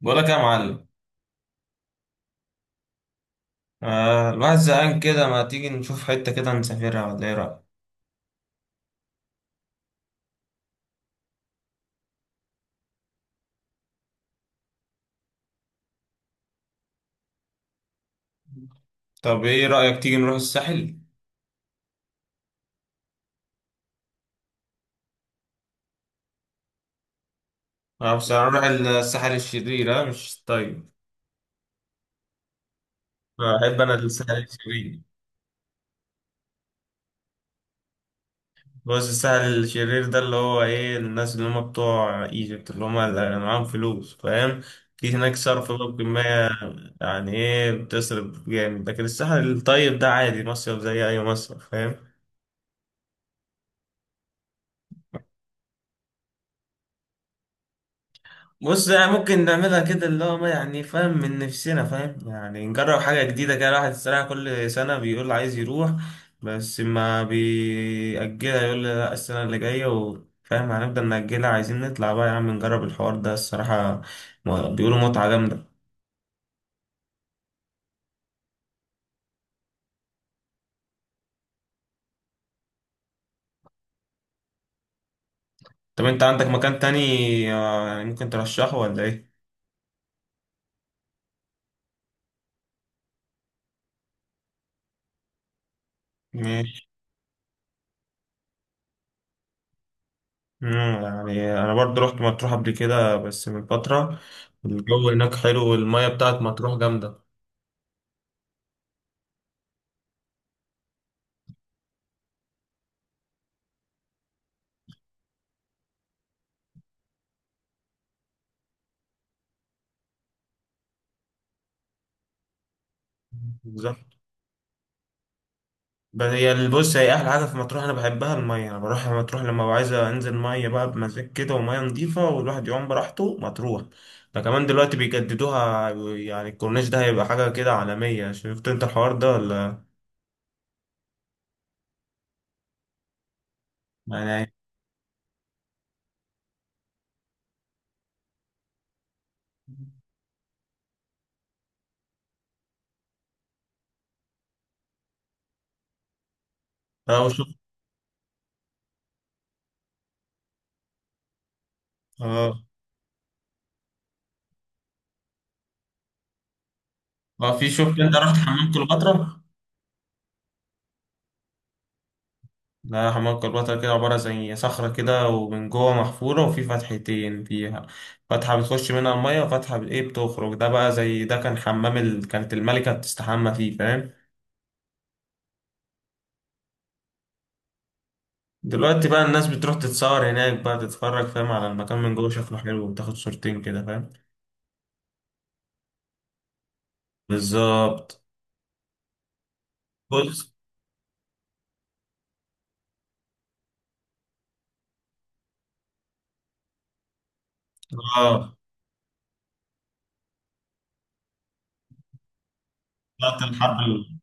بقولك يا معلم. آه، الواحد زهقان كده، ما تيجي نشوف حتة كده نسافرها ولا ايه رأيك؟ طب ايه رأيك تيجي نروح الساحل؟ آه بس هنروح الساحل الشرير، اه مش طيب. أحب أنا الساحل الشرير. بص، الساحل الشرير ده اللي هو ايه، الناس اللي هم بتوع ايجيبت، اللي هم اللي معاهم فلوس، فاهم؟ في هناك صرف بقى بكمية. يعني ايه، بتصرف جامد، لكن الساحل الطيب ده عادي، مصيف زي أي مصيف، فاهم؟ بص، يعني ممكن نعملها كده، اللي هو ما يعني فاهم، من نفسنا فاهم، يعني نجرب حاجة جديدة كده. الواحد الصراحة كل سنة بيقول عايز يروح بس ما بيأجلها، يقول لي لا السنة اللي جاية، وفاهم هنفضل نأجلها. عايزين نطلع بقى يا عم، نجرب الحوار ده الصراحة. بيقولوا متعة جامدة. طب انت عندك مكان تاني؟ يعني ممكن ترشحه ولا ايه؟ ماشي. يعني انا برضو رحت مطروح قبل كده بس من فترة. الجو هناك حلو، والمية بتاعت مطروح جامدة. بس هي بص، هي احلى حاجه في مطروح انا بحبها الميه. انا بروح مطروح لما ببقى عايز انزل ميه بقى بمزاج كده، وميه نظيفه، والواحد يعوم براحته. مطروح ده كمان دلوقتي بيجددوها، يعني الكورنيش ده هيبقى حاجه كده عالميه. شفت انت الحوار ده ولا؟ يعني. اه شفت. اه. اه في، شفت انت رحت حمام كليوباترا؟ لا حمام كليوباترا كده عباره زي صخره كده، ومن جوه محفوره، وفي فتحتين فيها، فتحة بتخش منها المية وفتحة ايه بتخرج. ده بقى زي، ده كان حمام ال... كانت الملكة بتستحمى فيه، فاهم؟ دلوقتي بقى الناس بتروح تتصور هناك بقى، تتفرج فاهم على المكان من جوه، شكله حلو، وتاخد صورتين كده، فاهم؟ بالظبط. بص. اه ساعة الحرب ال-،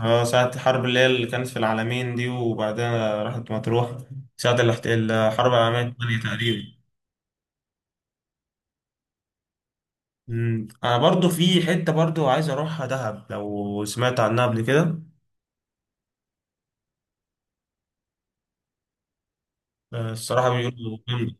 اه ساعة الحرب اللي هي اللي كانت في العالمين دي، وبعدها راحت مطروح. ساعة الحرب العالمية الثانية تقريبا. مم. انا برضو في حتة برضو عايز اروحها، دهب، لو سمعت عنها قبل كده. الصراحة بيقولوا جامدة.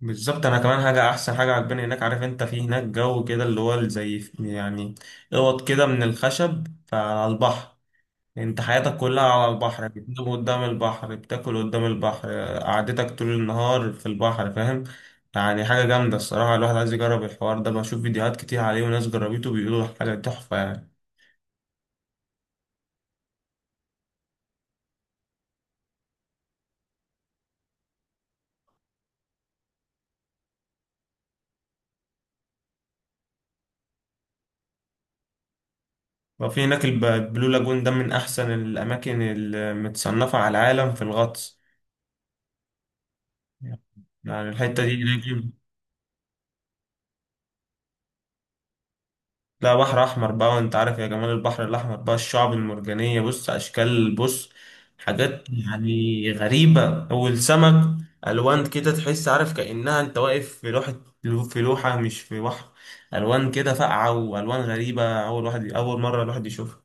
بالظبط. انا كمان حاجه، احسن حاجه عجباني هناك، عارف انت، في هناك جو كده اللي هو زي يعني اوض كده من الخشب، فعلى البحر، انت حياتك كلها على البحر، بتنام قدام البحر، بتاكل قدام البحر، قعدتك طول النهار في البحر، فاهم؟ يعني حاجه جامده الصراحه، الواحد عايز يجرب الحوار ده. بشوف فيديوهات كتير عليه، وناس جربته بيقولوا حاجه تحفه يعني. وفي هناك البلو لاجون ده من احسن الاماكن المتصنفه على العالم في الغطس، يعني الحتة دي. لا بحر احمر بقى، وانت عارف يا جمال البحر الاحمر بقى، الشعب المرجانيه، بص اشكال، بص حاجات يعني غريبه، والسمك الوان كده، تحس عارف كانها انت واقف في لوحه، في لوحه مش في بحر. الوان كده فاقعه والوان غريبه، اول واحد اول مره الواحد يشوفها.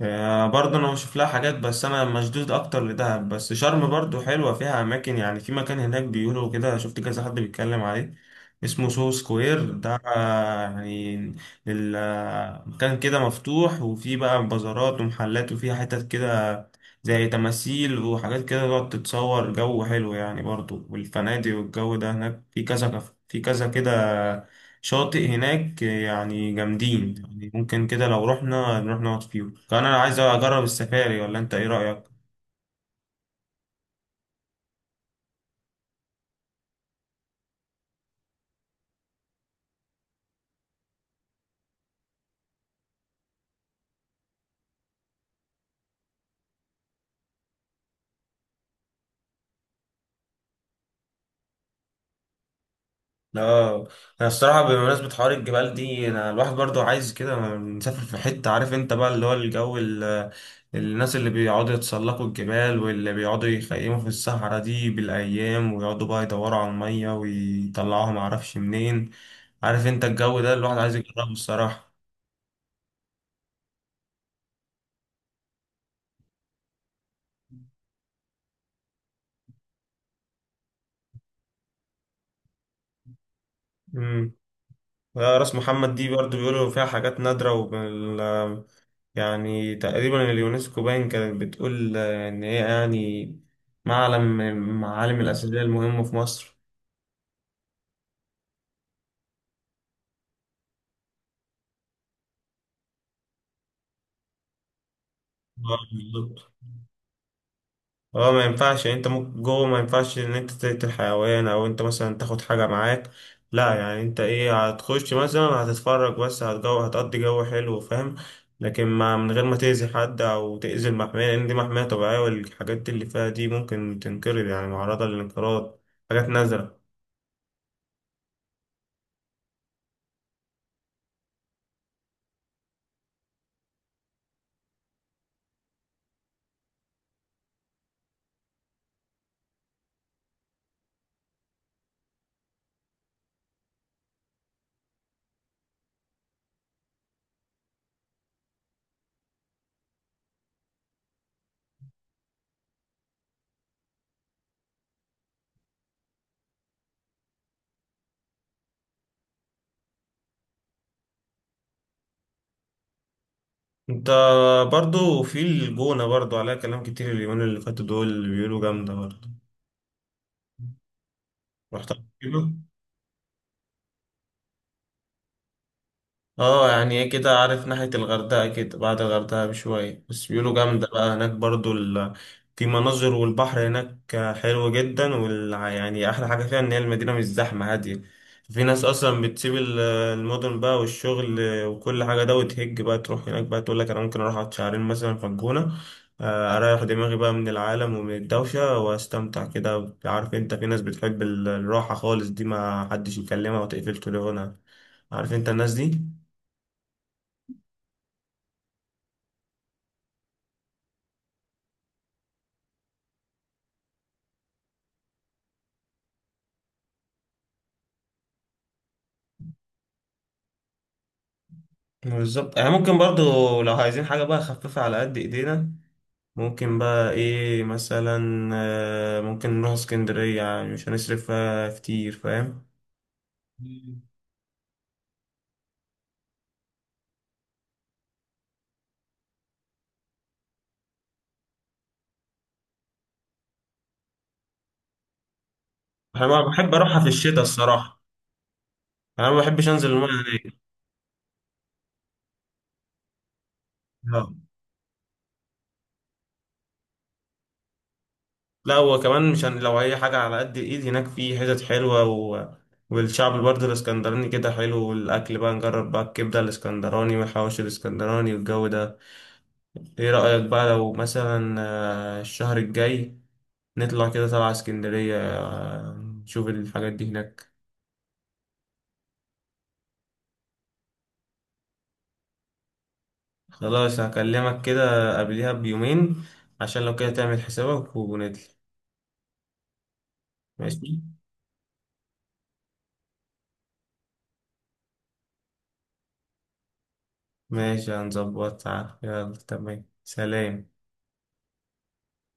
برضه انا بشوف لها حاجات، بس انا مشدود اكتر لدهب. بس شرم برضه حلوه، فيها اماكن يعني، في مكان هناك بيقولوا كده، شفت كذا حد بيتكلم عليه، اسمه سو سكوير ده. يعني مكان كده مفتوح، وفيه بقى بازارات ومحلات، وفيها حتت كده زي تماثيل وحاجات كده تقعد تتصور، جو حلو يعني برضه، والفنادق والجو ده هناك. في كذا كده شاطئ هناك يعني جامدين، يعني ممكن كده لو رحنا نروح نقعد فيهم. كان انا عايز اجرب السفاري، ولا انت ايه رأيك؟ لا، انا الصراحه بمناسبه حوار الجبال دي، انا الواحد برضو عايز كده نسافر في حته، عارف انت بقى اللي هو الجو الناس اللي بيقعدوا يتسلقوا الجبال، واللي بيقعدوا يخيموا في الصحراء دي بالايام، ويقعدوا بقى يدوروا على الميه ويطلعوها معرفش منين. عارف انت الجو ده، الواحد عايز يجربه الصراحه. راس محمد دي برضو بيقولوا فيها حاجات نادرة، وبال، يعني تقريبا اليونسكو باين كانت بتقول إن هي يعني معلم من المعالم الأثرية المهمة في مصر. بالظبط. اه ما ينفعش، يعني انت ممكن جوه ما ينفعش ان انت تقتل حيوان، او انت مثلا تاخد حاجة معاك. لا يعني انت ايه، هتخش مثلا هتتفرج بس، هتجو هتقضي جو حلو، فاهم؟ لكن ما من غير ما تأذي حد او تأذي المحمية، لان دي محمية طبيعية، والحاجات اللي فيها دي ممكن تنقرض، يعني معرضة للانقراض، حاجات نادرة. انت برضو في الجونة برضو عليها كلام كتير اليومين اللي فاتوا دول، اللي بيقولوا جامدة برضو. رحت قبل كده؟ اه يعني ايه كده، عارف ناحية الغردقة كده، بعد الغردقة بشوية. بس بيقولوا جامدة بقى هناك برضو ال... في مناظر، والبحر هناك حلو جدا، وال... يعني أحلى حاجة فيها إن هي المدينة مش زحمة، هادية. في ناس أصلا بتسيب المدن بقى والشغل وكل حاجة ده، وتهج بقى تروح هناك بقى، تقول لك أنا ممكن أروح أقعد شهرين مثلا في الجونة، أريح دماغي بقى من العالم ومن الدوشة، وأستمتع كده. عارف أنت في ناس بتحب الراحة خالص دي، ما حدش يكلمها وتقفل تليفونها، عارف أنت الناس دي. بالظبط. يعني ممكن برضو لو عايزين حاجة بقى خفيفة على قد ايدينا، ممكن بقى ايه مثلا، ممكن نروح اسكندرية، يعني مش هنصرف فيها كتير، فاهم؟ مم. انا ما بحب اروحها في الشتاء الصراحة. انا ما بحبش انزل المية هناك. لا. لا، هو كمان مش هن... لو اي حاجة على قد الايد، هناك في حتت حلوة و... والشعب برضه الاسكندراني كده حلو، والاكل بقى، نجرب بقى الكبدة الاسكندراني والحواوشي الاسكندراني والجو ده. ايه رأيك بقى لو مثلا الشهر الجاي نطلع كده طلعة اسكندرية، نشوف الحاجات دي هناك. خلاص هكلمك كده قبلها بيومين، عشان لو كده تعمل حسابك ونطلع. ماشي. ماشي هنظبطها، يلا تمام، سلام.